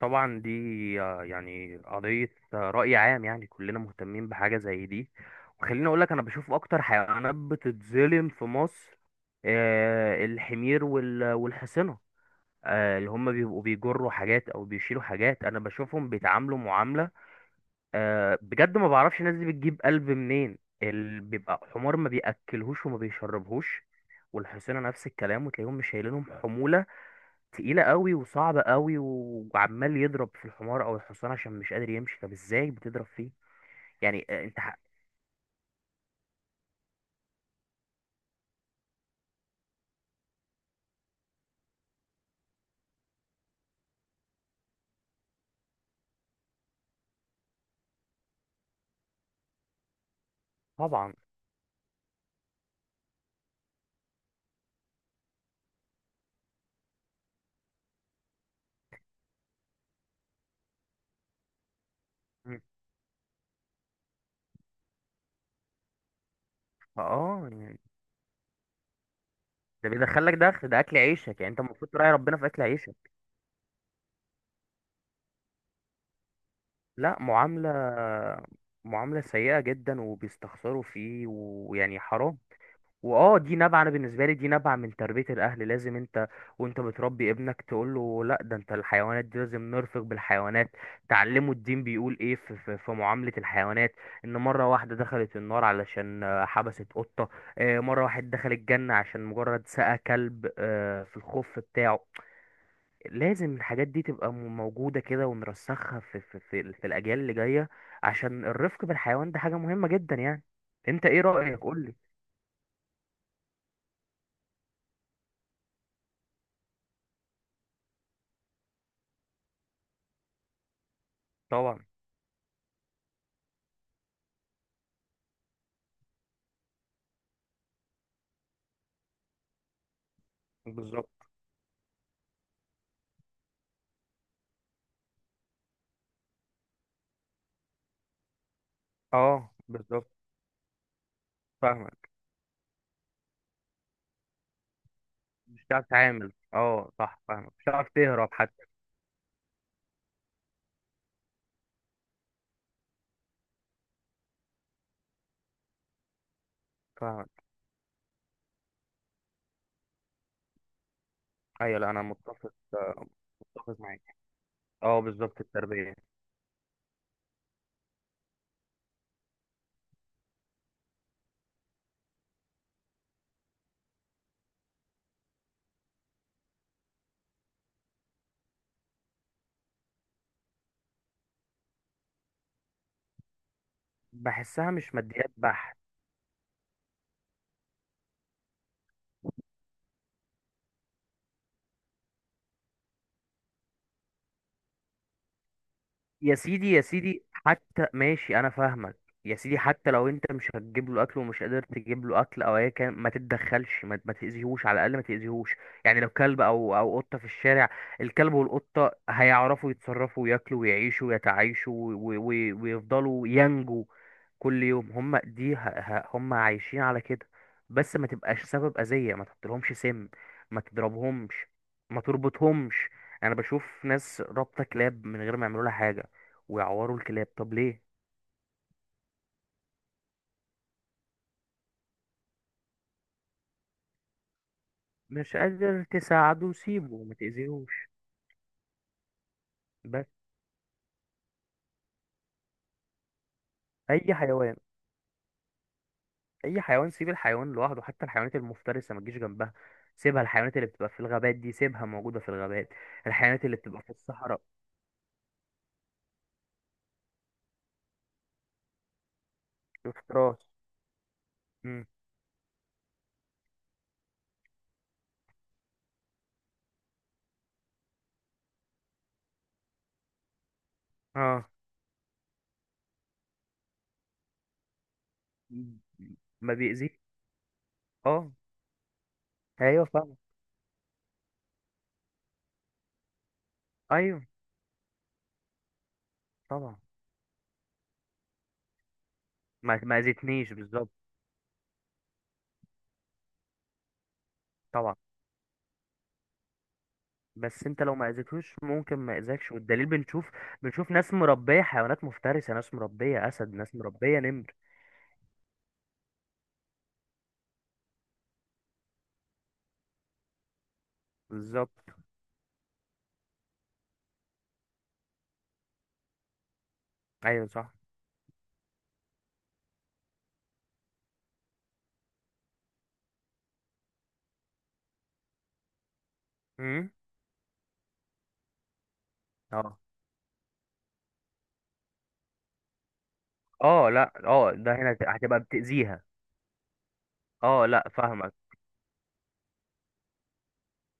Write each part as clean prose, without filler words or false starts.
طبعا دي، يعني قضية، رأي عام، يعني كلنا مهتمين بحاجة زي دي. وخليني أقولك، أنا بشوف أكتر حيوانات بتتظلم في مصر الحمير والحصنة. اللي هم بيبقوا بيجروا حاجات أو بيشيلوا حاجات، أنا بشوفهم بيتعاملوا معاملة بجد، ما بعرفش الناس دي بتجيب قلب منين. اللي بيبقى حمار ما بيأكلهوش وما بيشربهوش، والحصنة نفس الكلام، وتلاقيهم مش شايلينهم حمولة تقيلة قوي وصعبة قوي، وعمال يضرب في الحمار او الحصان عشان مش قادر يمشي. طب ازاي بتضرب فيه؟ يعني، انت، طبعا. مم. اه، يعني ده بيدخلك دخل، ده اكل عيشك يعني، انت المفروض تراعي ربنا في اكل عيشك. لا، معاملة سيئة جدا، وبيستخسروا فيه، ويعني حرام. دي نابعة، انا بالنسبة لي دي نابعة من تربية الاهل. لازم انت وانت بتربي ابنك تقول له لا، ده انت الحيوانات دي لازم نرفق بالحيوانات. تعلمه الدين بيقول ايه في معاملة الحيوانات. ان مرة واحدة دخلت النار علشان حبست قطة. مرة واحد دخل الجنة عشان مجرد سقى كلب في الخف بتاعه. لازم الحاجات دي تبقى موجودة كده، ونرسخها في الاجيال اللي جاية، عشان الرفق بالحيوان ده حاجة مهمة جدا يعني. انت ايه رأيك؟ قولي. طبعا. بالظبط. اه بالظبط، فاهمك. مش هتعرف تتعامل، اه صح، فاهمك، مش هتعرف تهرب حتى. فاهمك. ايوه، لا، انا متفق، متفق معاك. اه بالظبط، التربية. بحسها مش ماديات بحت. يا سيدي، يا سيدي، حتى ماشي، انا فاهمك. يا سيدي، حتى لو انت مش هتجيب له اكل، ومش قادر تجيب له اكل، او ايا كان، ما تتدخلش، ما تاذيهوش، على الاقل ما تاذيهوش. يعني لو كلب او قطه في الشارع، الكلب والقطه هيعرفوا يتصرفوا وياكلوا ويعيشوا ويتعايشوا، ويفضلوا ينجوا. كل يوم هم دي، هم عايشين على كده. بس ما تبقاش سبب اذيه، ما تحطلهمش سم، ما تضربهمش، ما تربطهمش. انا بشوف ناس رابطه كلاب من غير ما يعملوا لها حاجه، ويعوروا الكلاب، طب ليه؟ مش قادر تساعده، سيبه، ما تأذيهوش. بس اي حيوان. اي حيوان، سيب الحيوان لوحده، حتى الحيوانات المفترسة ما تجيش جنبها. سيبها، الحيوانات اللي بتبقى في الغابات دي سيبها موجودة في الغابات، الحيوانات اللي بتبقى في الصحراء. افتراس. مم. اه. ما بيأذيش. اه. ايوه فاهم. ايوه. طبعا. ما اذتنيش، بالظبط. طبعا. بس انت لو ما اذيتهوش، ممكن ما اذاكش، والدليل بنشوف. بنشوف ناس مربيه حيوانات مفترسه، ناس مربيه اسد، ناس مربيه نمر. بالظبط. ايوه صح. امم. اه، اه، لا، اه، ده هنا هتبقى بتأذيها. اه لا، فاهمك.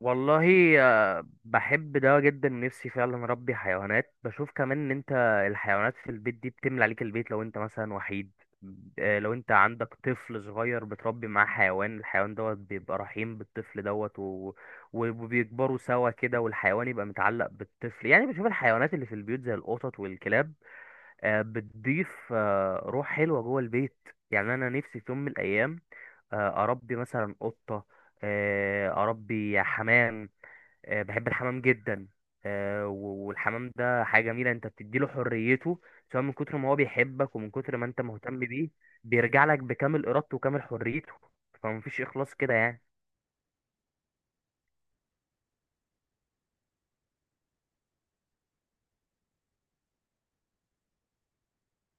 والله. بحب ده جدا، نفسي فعلا اربي حيوانات. بشوف كمان، ان انت الحيوانات في البيت دي بتملى عليك البيت لو انت مثلا وحيد. لو انت عندك طفل صغير بتربي معاه حيوان، الحيوان دوت بيبقى رحيم بالطفل دوت، و... وبيكبروا سوا كده، والحيوان يبقى متعلق بالطفل. يعني بشوف الحيوانات اللي في البيوت زي القطط والكلاب بتضيف روح حلوة جوه البيت. يعني أنا نفسي في يوم من الأيام أربي مثلا قطة، أربي حمام. بحب الحمام جدا. والحمام ده حاجة جميلة، أنت بتديله حريته سواء من كتر ما هو بيحبك ومن كتر ما أنت مهتم بيه، بيرجع لك بكامل إرادته وكامل حريته. فمفيش إخلاص كده يعني.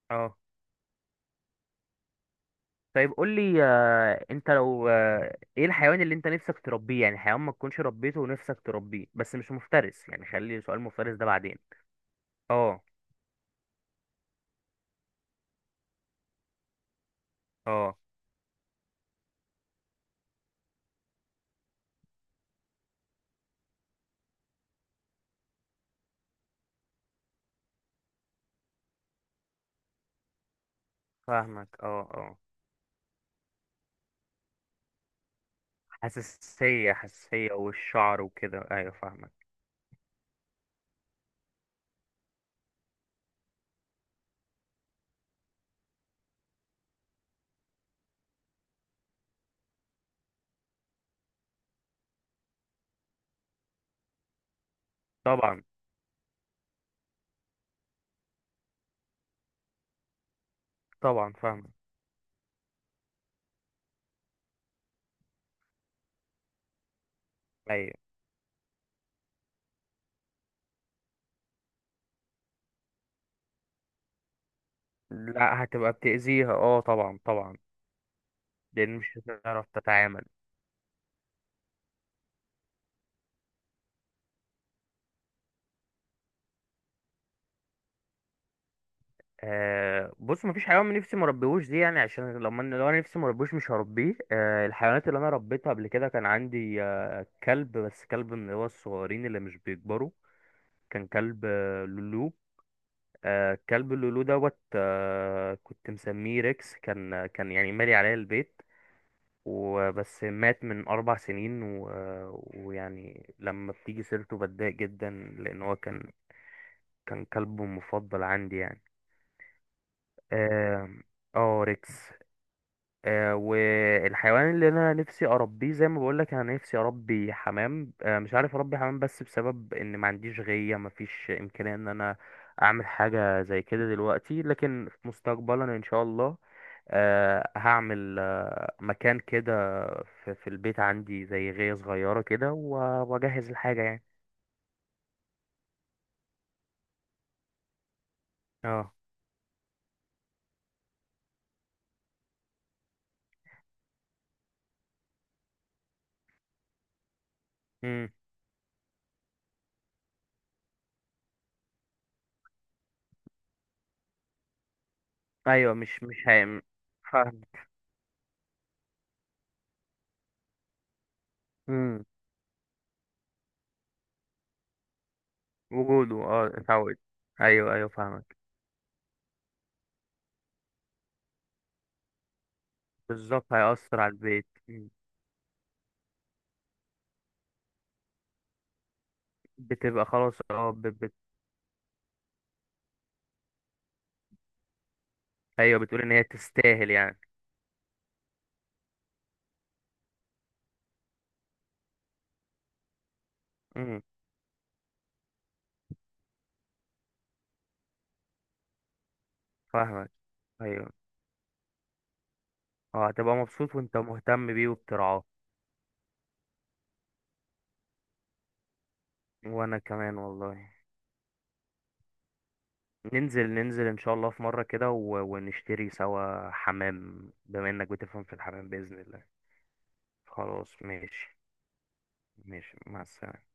اه. طيب قول لي، انت لو، ايه الحيوان اللي انت نفسك تربيه؟ يعني حيوان ما تكونش ربيته ونفسك تربيه، بس مش مفترس، يعني خلي سؤال مفترس ده بعدين. اه، اه، فاهمك. اه، اه، حساسية، حساسية والشعر وكده، ايوه فاهمك. طبعا، طبعا، فاهمك. ايوه، لا، هتبقى بتأذيها، اه طبعا، طبعا. لان مش هتعرف تتعامل. آه، بص، مفيش حيوان نفسي مربيهوش دي، يعني عشان لما لو انا نفسي مربيهوش مش هربيه. الحيوانات اللي انا ربيتها قبل كده، كان عندي كلب، بس كلب من اللي هو الصغيرين اللي مش بيكبروا. كان كلب لولو. كلب لولو دوت، كنت مسميه ريكس. كان، يعني مالي عليا البيت وبس. مات من 4 سنين و... ويعني لما بتيجي سيرته بتضايق جدا، لأن هو كان كلب مفضل عندي يعني. آه، اه ريكس. والحيوان اللي انا نفسي اربيه، زي ما بقولك، انا نفسي اربي حمام. مش عارف اربي حمام بس بسبب ان ما عنديش غيه، ما فيش امكانيه ان انا اعمل حاجه زي كده دلوقتي، لكن في مستقبلا ان شاء الله هعمل مكان كده في البيت عندي زي غيه صغيره كده، واجهز الحاجه يعني. اه. امم. ايوه، مش هي... فاهم. امم. وجوده، اه، اتعود. ايوه، ايوه، فاهمك. بالظبط، هيأثر على البيت. بتبقى خلاص، اه، ايوه، بتقول ان هي تستاهل يعني. امم. فاهمك. ايوه. اه هتبقى مبسوط وانت مهتم بيه وبترعاه. وانا كمان والله. ننزل، ان شاء الله في مرة كده، و... ونشتري سوا حمام، بما انك بتفهم في الحمام، بإذن الله. خلاص، ماشي. ماشي، مع السلامة.